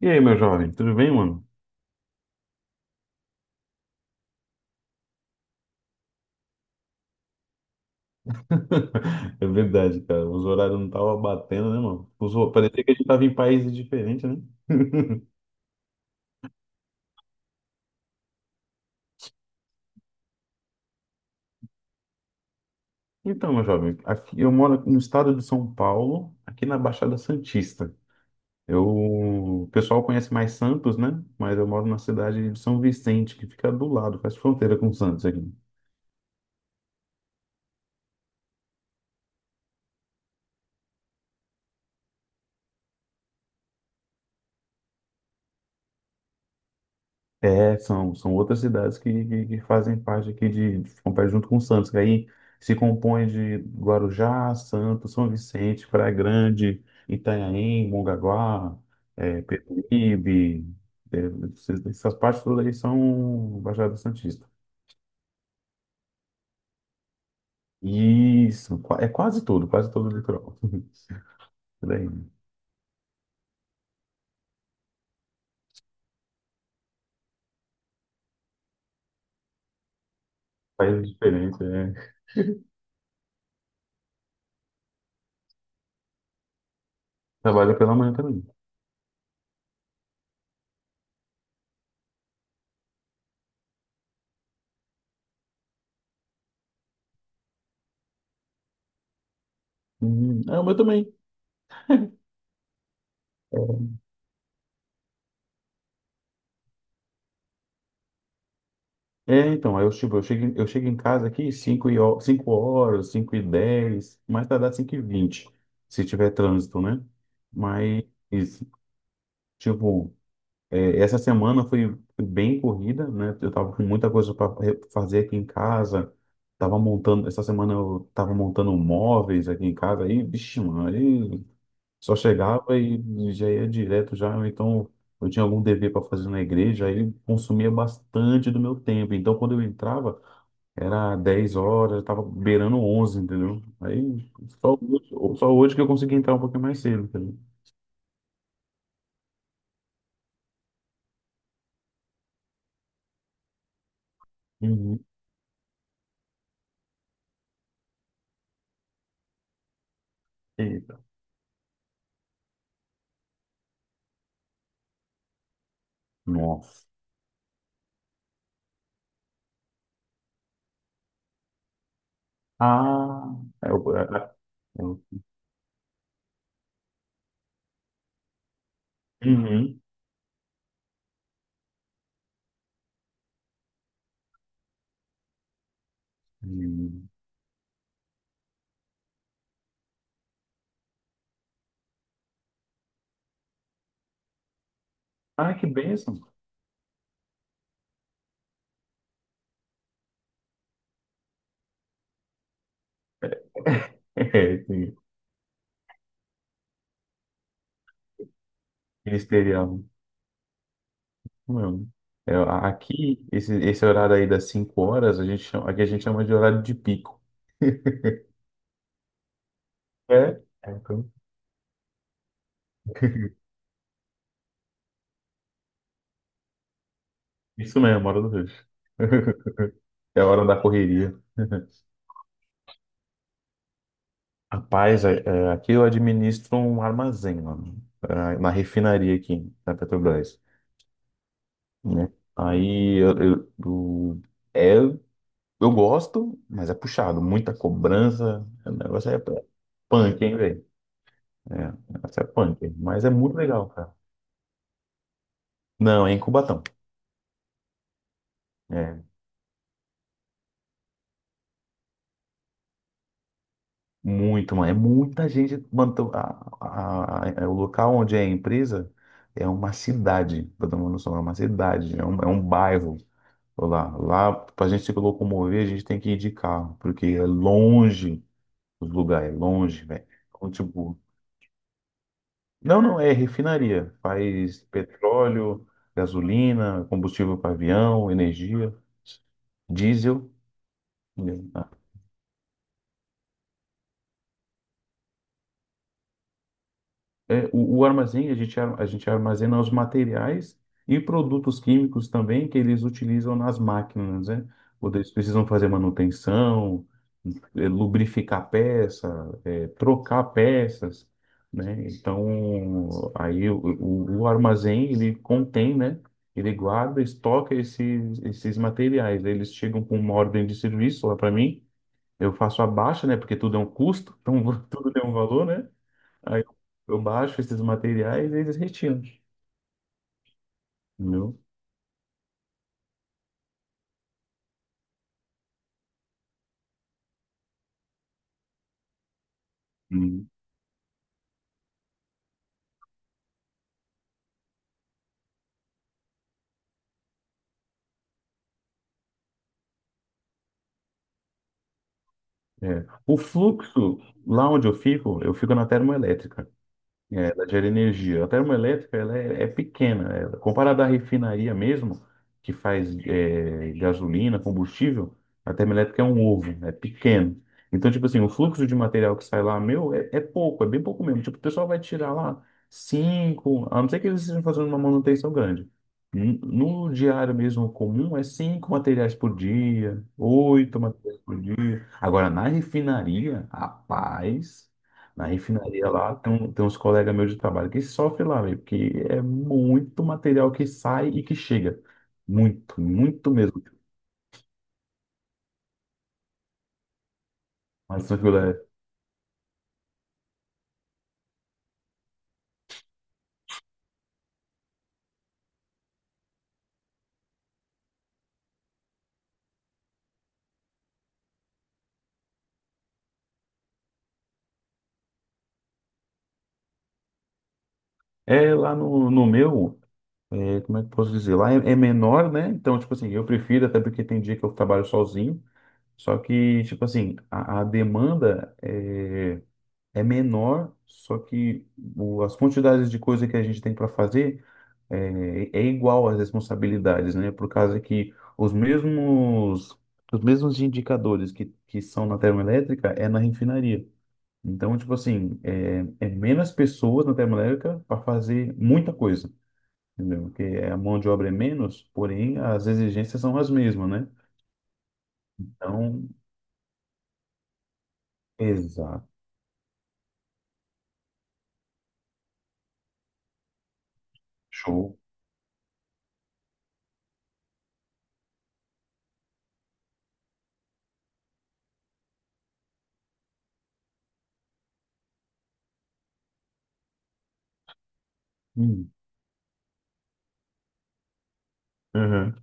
E aí, meu jovem, tudo bem, mano? É verdade, cara. Os horários não estavam batendo, né, mano? Parecia que a gente tava em países diferentes, né? Então, meu jovem, aqui eu moro no estado de São Paulo, aqui na Baixada Santista. Eu... O pessoal conhece mais Santos, né? Mas eu moro na cidade de São Vicente, que fica do lado, faz fronteira com Santos aqui. É, são outras cidades que fazem parte aqui ficam perto junto com Santos, que aí se compõe de Guarujá, Santos, São Vicente, Praia Grande, Itanhaém, Mongaguá, Peruíbe, é, essas partes todas aí são Baixada Santista. Isso, é quase tudo, quase todo o litoral. Por aí. Faz diferença, é. Trabalho pela manhã também. Uhum. É, o meu também. É. É, então, aí eu, tipo, eu chego em casa aqui 5 horas, 5h10 mais tardar 5h20 se tiver trânsito, né? Mas, tipo, essa semana foi bem corrida, né? Eu tava com muita coisa para fazer aqui em casa, essa semana eu tava montando móveis aqui em casa, aí, vixe, mano, aí só chegava e já ia direto já, ou então, eu tinha algum dever para fazer na igreja, aí consumia bastante do meu tempo. Então, quando eu entrava, era 10 horas, tava beirando 11, entendeu? Aí só hoje que eu consegui entrar um pouquinho mais cedo, entendeu? Uhum. Eita. Nossa. Ah, é o. é- é Uhum. Uhum. Ah, que bênção. É, sim. Ministerial. Não. É, aqui, esse horário aí das 5 horas, a gente chama, aqui a gente chama de horário de pico. É? É, então. Isso mesmo, hora do rush. É a hora da correria. Rapaz, aqui eu administro um armazém, mano, é, uma refinaria aqui da Petrobras, né? Aí é, eu gosto, mas é puxado, muita cobrança, o negócio é punk, hein, velho? É, o negócio é punk, mas é muito legal, cara. Não, é em Cubatão. É muito, mano, é muita gente, mano, é o local onde é a empresa, é uma cidade, pra tomar noção, é uma cidade, é um bairro. Lá para a gente se locomover, a gente tem que ir de carro, porque é longe os lugares, é longe, velho. Então, tipo, não, não, é refinaria. Faz petróleo, gasolina, combustível para avião, energia, diesel, né? É, o armazém, a gente armazena os materiais e produtos químicos também que eles utilizam nas máquinas, né? Quando eles precisam fazer manutenção, é, lubrificar peça, é, trocar peças, né? Então, aí o armazém, ele contém, né? Ele guarda, estoca esses materiais. Aí eles chegam com uma ordem de serviço lá para mim, eu faço a baixa, né? Porque tudo é um custo, então tudo tem um valor, né? Aí eu baixo esses materiais e eles retiram, entendeu? Uhum. É. O fluxo, lá onde eu fico na termoelétrica. É, ela gera energia. A termoelétrica ela é pequena. É, comparada à refinaria mesmo, que faz é, gasolina, combustível, a termoelétrica é um ovo, é pequeno. Então, tipo assim, o fluxo de material que sai lá, meu, é pouco, é bem pouco mesmo. Tipo, o pessoal vai tirar lá cinco, a não ser que eles estejam fazendo uma manutenção grande. No diário mesmo comum, é 5 materiais por dia, 8 materiais por dia. Agora, na refinaria, rapaz. Na refinaria lá, tem, tem uns colegas meus de trabalho que sofrem lá, velho, porque é muito material que sai e que chega. Muito, muito mesmo. Mas tranquilo, é. É lá no meu, é, como é que eu posso dizer? Lá é, é menor, né? Então, tipo assim, eu prefiro, até porque tem dia que eu trabalho sozinho. Só que, tipo assim, a demanda é, é menor, só que as quantidades de coisa que a gente tem para fazer é, é igual às responsabilidades, né? Por causa que os mesmos indicadores que são na termoelétrica é na refinaria. Então, tipo assim, é, é menos pessoas na termoelétrica para fazer muita coisa, entendeu? Porque a mão de obra é menos, porém as exigências são as mesmas, né? Então, exato. Show. Hum. Uhum.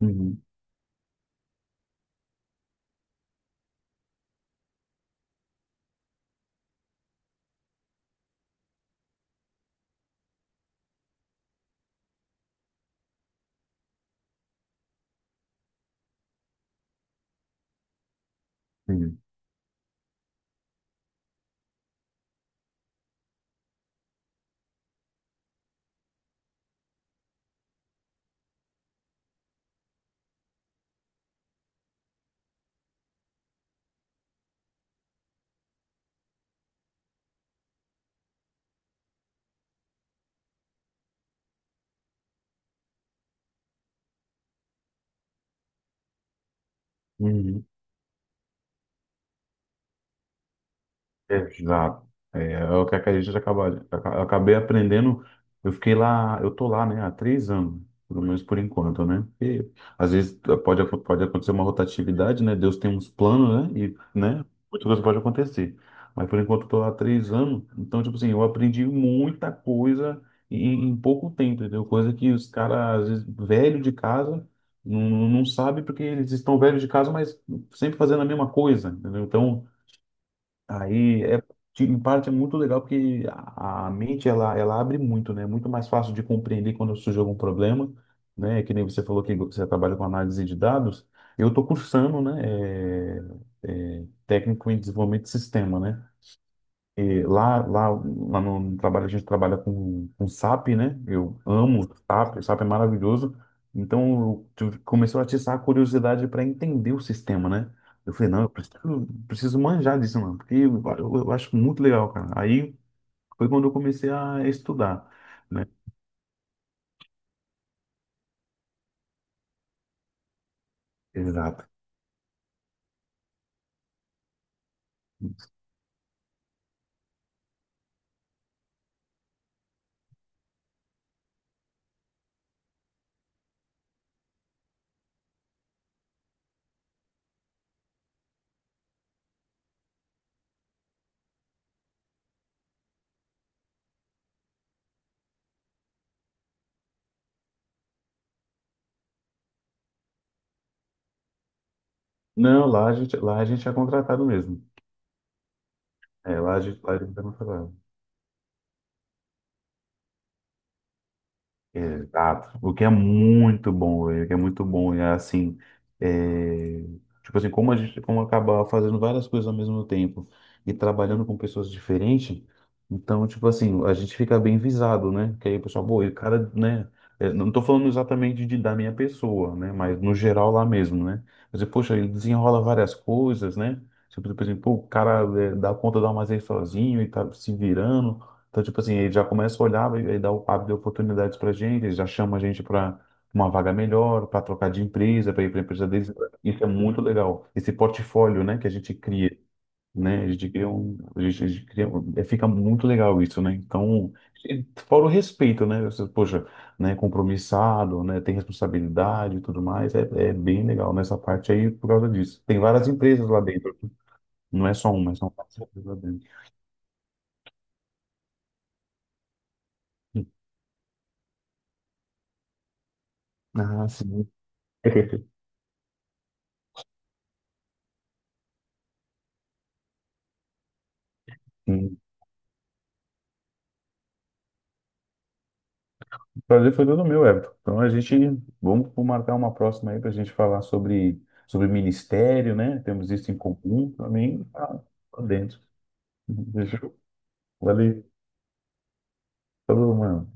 Uhum. Uhum. Uhum. Exato. É, é o que a gente acaba, acabei aprendendo. Eu fiquei lá, eu tô lá, né, há 3 anos, pelo menos por enquanto, né? Porque às vezes pode acontecer uma rotatividade, né? Deus tem uns planos, né? E, né, muita coisa pode acontecer. Mas por enquanto eu tô lá há 3 anos, então, tipo assim, eu aprendi muita coisa em, em pouco tempo, entendeu? Coisa que os caras, às vezes, velho de casa, não sabe porque eles estão velhos de casa, mas sempre fazendo a mesma coisa, entendeu? Então. Aí em parte é muito legal porque a mente ela abre muito, né? É muito mais fácil de compreender quando surge algum problema, né? Que nem você falou que você trabalha com análise de dados. Eu estou cursando, né? Técnico em desenvolvimento de sistema, né? E lá no trabalho a gente trabalha com SAP, né? Eu amo SAP, SAP é maravilhoso. Então eu começou a atiçar a curiosidade para entender o sistema, né? Eu falei, não, eu preciso, preciso manjar disso, mano, porque eu acho muito legal, cara. Aí foi quando eu comecei a estudar, né? Exato. Não, lá a gente é contratado mesmo. É, lá a gente é contratado. Exato. O que é muito bom, velho, o que é muito bom. É assim, é, tipo assim, como a gente como acaba fazendo várias coisas ao mesmo tempo e trabalhando com pessoas diferentes, então, tipo assim, a gente fica bem visado, né? Que aí o pessoal, pô, e o cara, né? Não tô falando exatamente de, da minha pessoa, né? Mas no geral lá mesmo, né? Você, poxa, ele desenrola várias coisas, né? Tipo, por exemplo, pô, o cara dá conta do armazém sozinho e tá se virando. Então, tipo assim, ele já começa a olhar e dá abre oportunidades pra gente, ele já chama a gente para uma vaga melhor, para trocar de empresa, para ir para empresa deles. Isso é muito legal. Esse portfólio, né, que a gente cria, né? A gente cria fica muito legal isso, né? Então, e fora o respeito, né? Você, poxa, né, compromissado, né, tem responsabilidade e tudo mais, é bem legal nessa parte aí por causa disso. Tem várias empresas lá dentro, não é só uma, são várias empresas lá dentro. Ah, sim. Prazer foi todo meu, Everton. Então a gente vamos marcar uma próxima aí para a gente falar sobre ministério, né? Temos isso em comum também. Tá, tá dentro. Deixa eu- Valeu. Falou, mano.